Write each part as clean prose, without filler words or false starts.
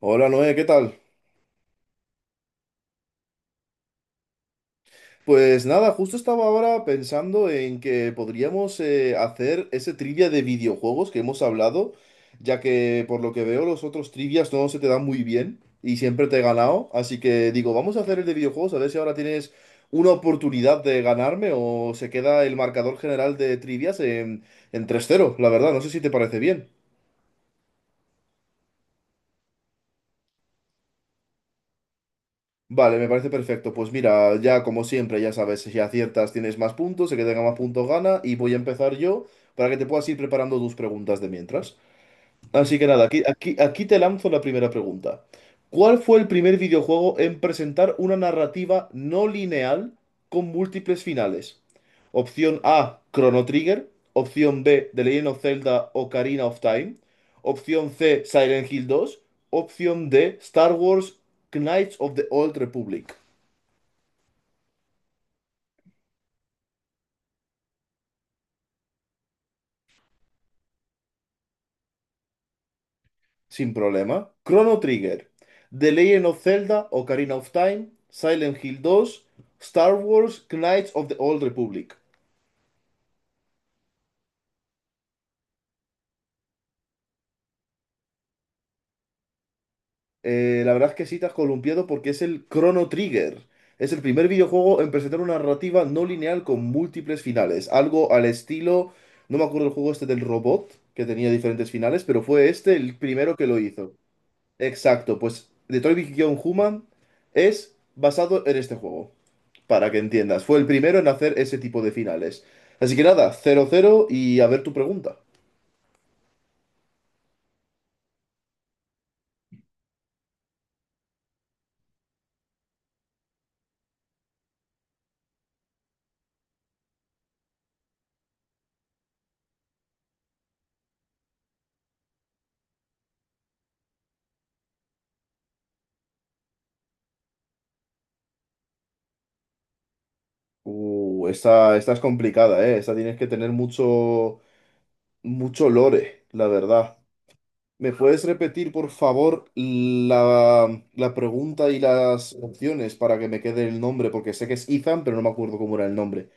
Hola Noé, ¿qué tal? Pues nada, justo estaba ahora pensando en que podríamos hacer ese trivia de videojuegos que hemos hablado, ya que por lo que veo los otros trivias no se te dan muy bien y siempre te he ganado, así que digo, vamos a hacer el de videojuegos, a ver si ahora tienes una oportunidad de ganarme o se queda el marcador general de trivias en 3-0, la verdad, no sé si te parece bien. Vale, me parece perfecto. Pues mira, ya como siempre, ya sabes, si aciertas tienes más puntos, el que tenga más puntos gana y voy a empezar yo para que te puedas ir preparando tus preguntas de mientras. Así que nada, aquí te lanzo la primera pregunta. ¿Cuál fue el primer videojuego en presentar una narrativa no lineal con múltiples finales? Opción A, Chrono Trigger. Opción B, The Legend of Zelda Ocarina of Time. Opción C, Silent Hill 2. Opción D, Star Wars Knights of the Old Republic. Sin problema. Chrono Trigger, The Legend of Zelda Ocarina of Time, Silent Hill 2, Star Wars Knights of the Old Republic. La verdad es que sí te has columpiado porque es el Chrono Trigger. Es el primer videojuego en presentar una narrativa no lineal con múltiples finales. Algo al estilo, no me acuerdo el juego este del robot, que tenía diferentes finales, pero fue este el primero que lo hizo. Exacto, pues Detroit Become Human es basado en este juego, para que entiendas. Fue el primero en hacer ese tipo de finales. Así que nada, cero cero y a ver tu pregunta. Esta, esta es complicada, ¿eh? Esta tienes que tener mucho... Mucho lore, la verdad. ¿Me puedes repetir, por favor, la pregunta y las opciones para que me quede el nombre? Porque sé que es Ethan, pero no me acuerdo cómo era el nombre.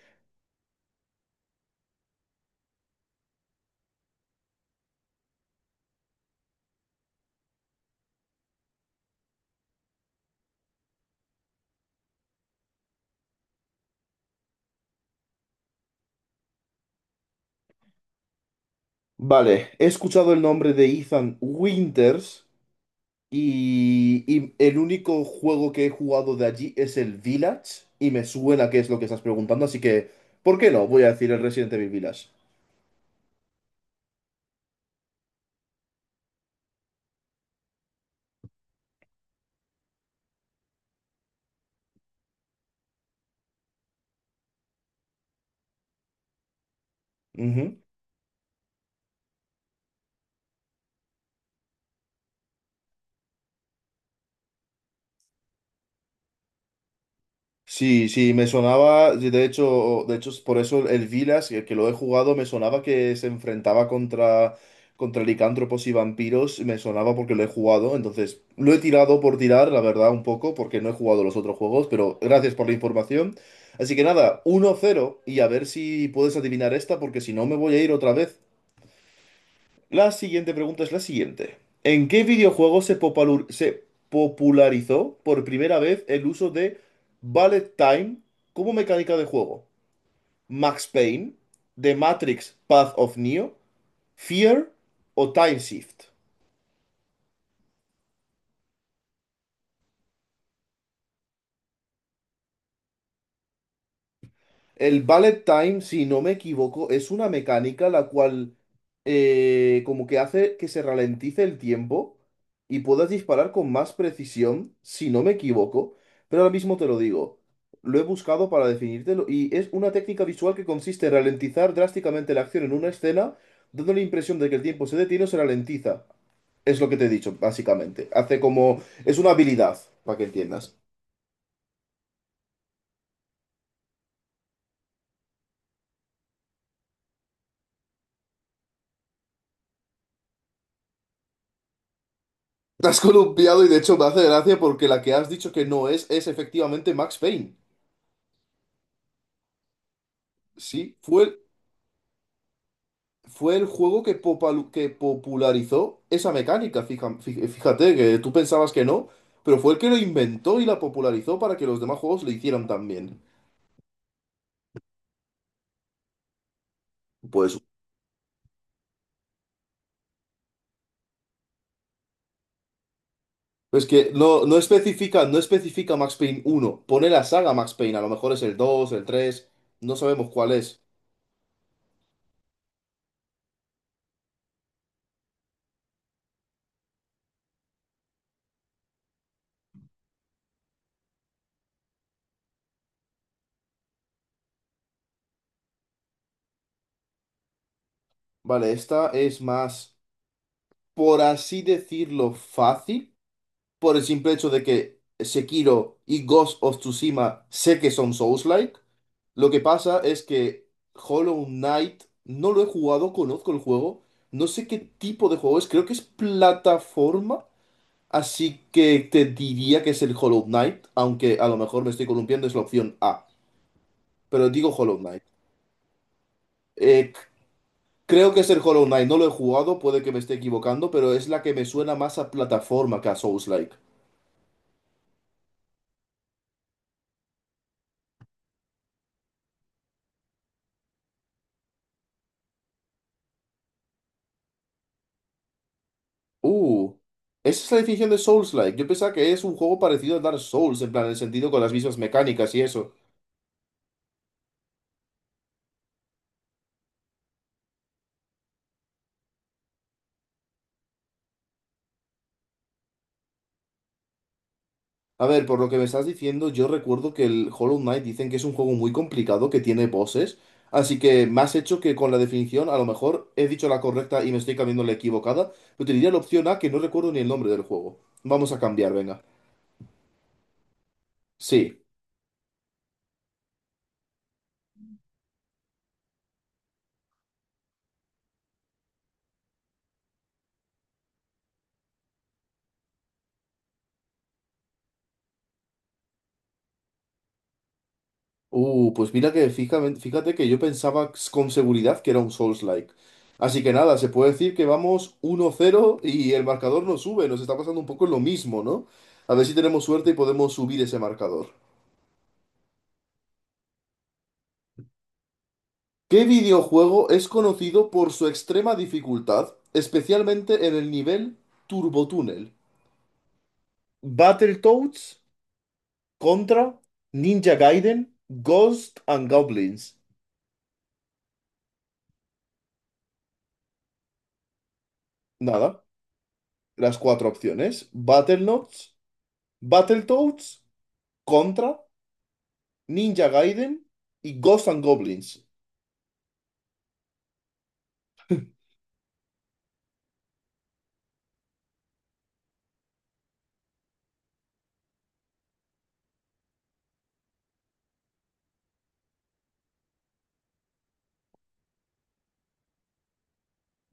Vale, he escuchado el nombre de Ethan Winters y el único juego que he jugado de allí es el Village y me suena que es lo que estás preguntando, así que, ¿por qué no? Voy a decir el Resident Evil Village. Ujú. Sí, sí, me sonaba, de hecho, es por eso el Vilas, que lo he jugado, me sonaba que se enfrentaba contra, contra licántropos y vampiros, me sonaba porque lo he jugado, entonces lo he tirado por tirar, la verdad, un poco, porque no he jugado los otros juegos, pero gracias por la información. Así que nada, uno cero y a ver si puedes adivinar esta, porque si no me voy a ir otra vez. La siguiente pregunta es la siguiente. ¿En qué videojuego se popularizó por primera vez el uso de Bullet Time como mecánica de juego? ¿Max Payne, The Matrix Path of Neo, Fear o Time Shift? El bullet time, si no me equivoco, es una mecánica la cual como que hace que se ralentice el tiempo y puedas disparar con más precisión, si no me equivoco. Pero ahora mismo te lo digo. Lo he buscado para definírtelo y es una técnica visual que consiste en ralentizar drásticamente la acción en una escena, dando la impresión de que el tiempo se detiene o se ralentiza. Es lo que te he dicho, básicamente. Hace como... Es una habilidad, para que entiendas. Te has columpiado y de hecho me hace gracia porque la que has dicho que no es es efectivamente Max Payne. Sí, fue el juego que, que popularizó esa mecánica. Fíjate que tú pensabas que no, pero fue el que lo inventó y la popularizó para que los demás juegos lo hicieran también. Pues es que no, no especifica Max Payne uno pone la saga Max Payne, a lo mejor es el 2 el tres no sabemos cuál es. Vale, esta es más, por así decirlo, fácil, por el simple hecho de que Sekiro y Ghost of Tsushima sé que son Souls-like. Lo que pasa es que Hollow Knight no lo he jugado, conozco el juego, no sé qué tipo de juego es, creo que es plataforma, así que te diría que es el Hollow Knight, aunque a lo mejor me estoy columpiando, es la opción A, pero digo Hollow Knight. Eh, c- Creo que es el Hollow Knight, no lo he jugado, puede que me esté equivocando, pero es la que me suena más a plataforma que a Souls-like. Uh, esa es la definición de Souls-like. Yo pensaba que es un juego parecido a Dark Souls, en plan, en el sentido con las mismas mecánicas y eso. A ver, por lo que me estás diciendo, yo recuerdo que el Hollow Knight dicen que es un juego muy complicado, que tiene bosses. Así que me has hecho que con la definición, a lo mejor he dicho la correcta y me estoy cambiando la equivocada. Pero te diría la opción A, que no recuerdo ni el nombre del juego. Vamos a cambiar, venga. Sí. Pues mira que fíjate, que yo pensaba con seguridad que era un Souls-like. Así que nada, se puede decir que vamos uno cero y el marcador no sube. Nos está pasando un poco lo mismo, ¿no? A ver si tenemos suerte y podemos subir ese marcador. ¿Qué videojuego es conocido por su extrema dificultad, especialmente en el nivel Turbotúnel? Battletoads contra Ninja Gaiden, Ghost and Goblins. Nada, las cuatro opciones. Battletoads, Battletoads. Contra, Ninja Gaiden y Ghosts and Goblins.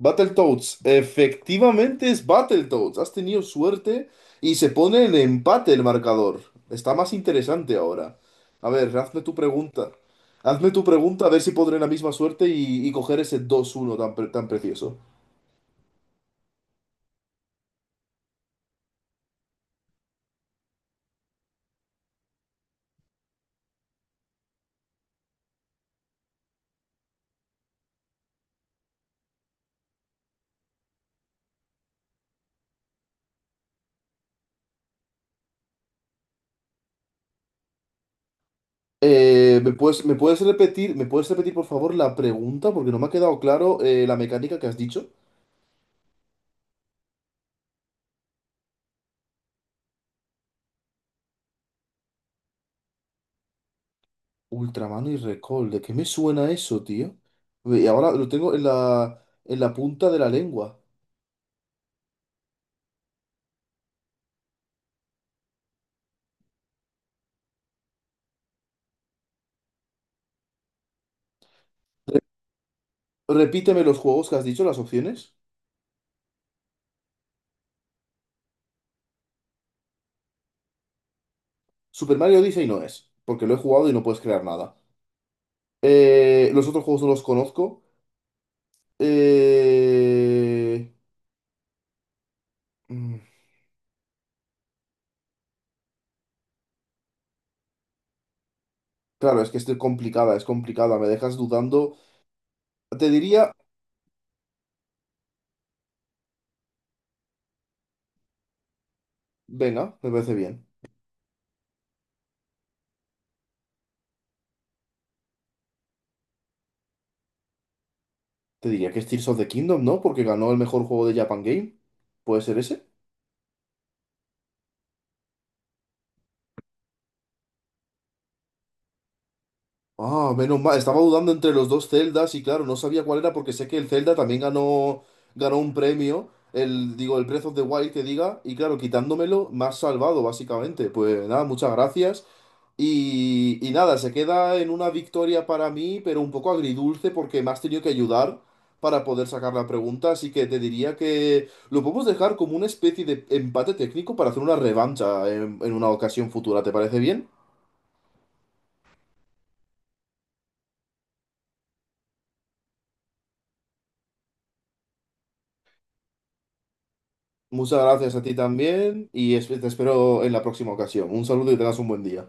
Battletoads, efectivamente es Battletoads. Has tenido suerte y se pone en empate el marcador. Está más interesante ahora. A ver, hazme tu pregunta. Hazme tu pregunta a ver si podré la misma suerte y coger ese 2-1 tan, tan precioso. ¿Me puedes, repetir, me puedes repetir por favor la pregunta? Porque no me ha quedado claro la mecánica que has dicho. Ultraman y Recall, ¿de qué me suena eso, tío? Y ahora lo tengo en la punta de la lengua. Repíteme los juegos que has dicho, las opciones. Super Mario Odyssey no es, porque lo he jugado y no puedes crear nada. Los otros juegos no los conozco. Eh, mm, Claro, es que estoy complicada, es complicada, me dejas dudando. Te diría, venga, me parece bien. Te diría que es Tears of the Kingdom, ¿no? Porque ganó el mejor juego de Japan Game. ¿Puede ser ese? Ah, menos mal. Estaba dudando entre los dos Zeldas y claro, no sabía cuál era porque sé que el Zelda también ganó, ganó un premio, el, digo, el Breath of the Wild que diga, y claro, quitándomelo, me has salvado, básicamente. Pues nada, muchas gracias. Nada, se queda en una victoria para mí, pero un poco agridulce porque me has tenido que ayudar para poder sacar la pregunta, así que te diría que lo podemos dejar como una especie de empate técnico para hacer una revancha en una ocasión futura, ¿te parece bien? Muchas gracias a ti también y te espero en la próxima ocasión. Un saludo y tengas un buen día.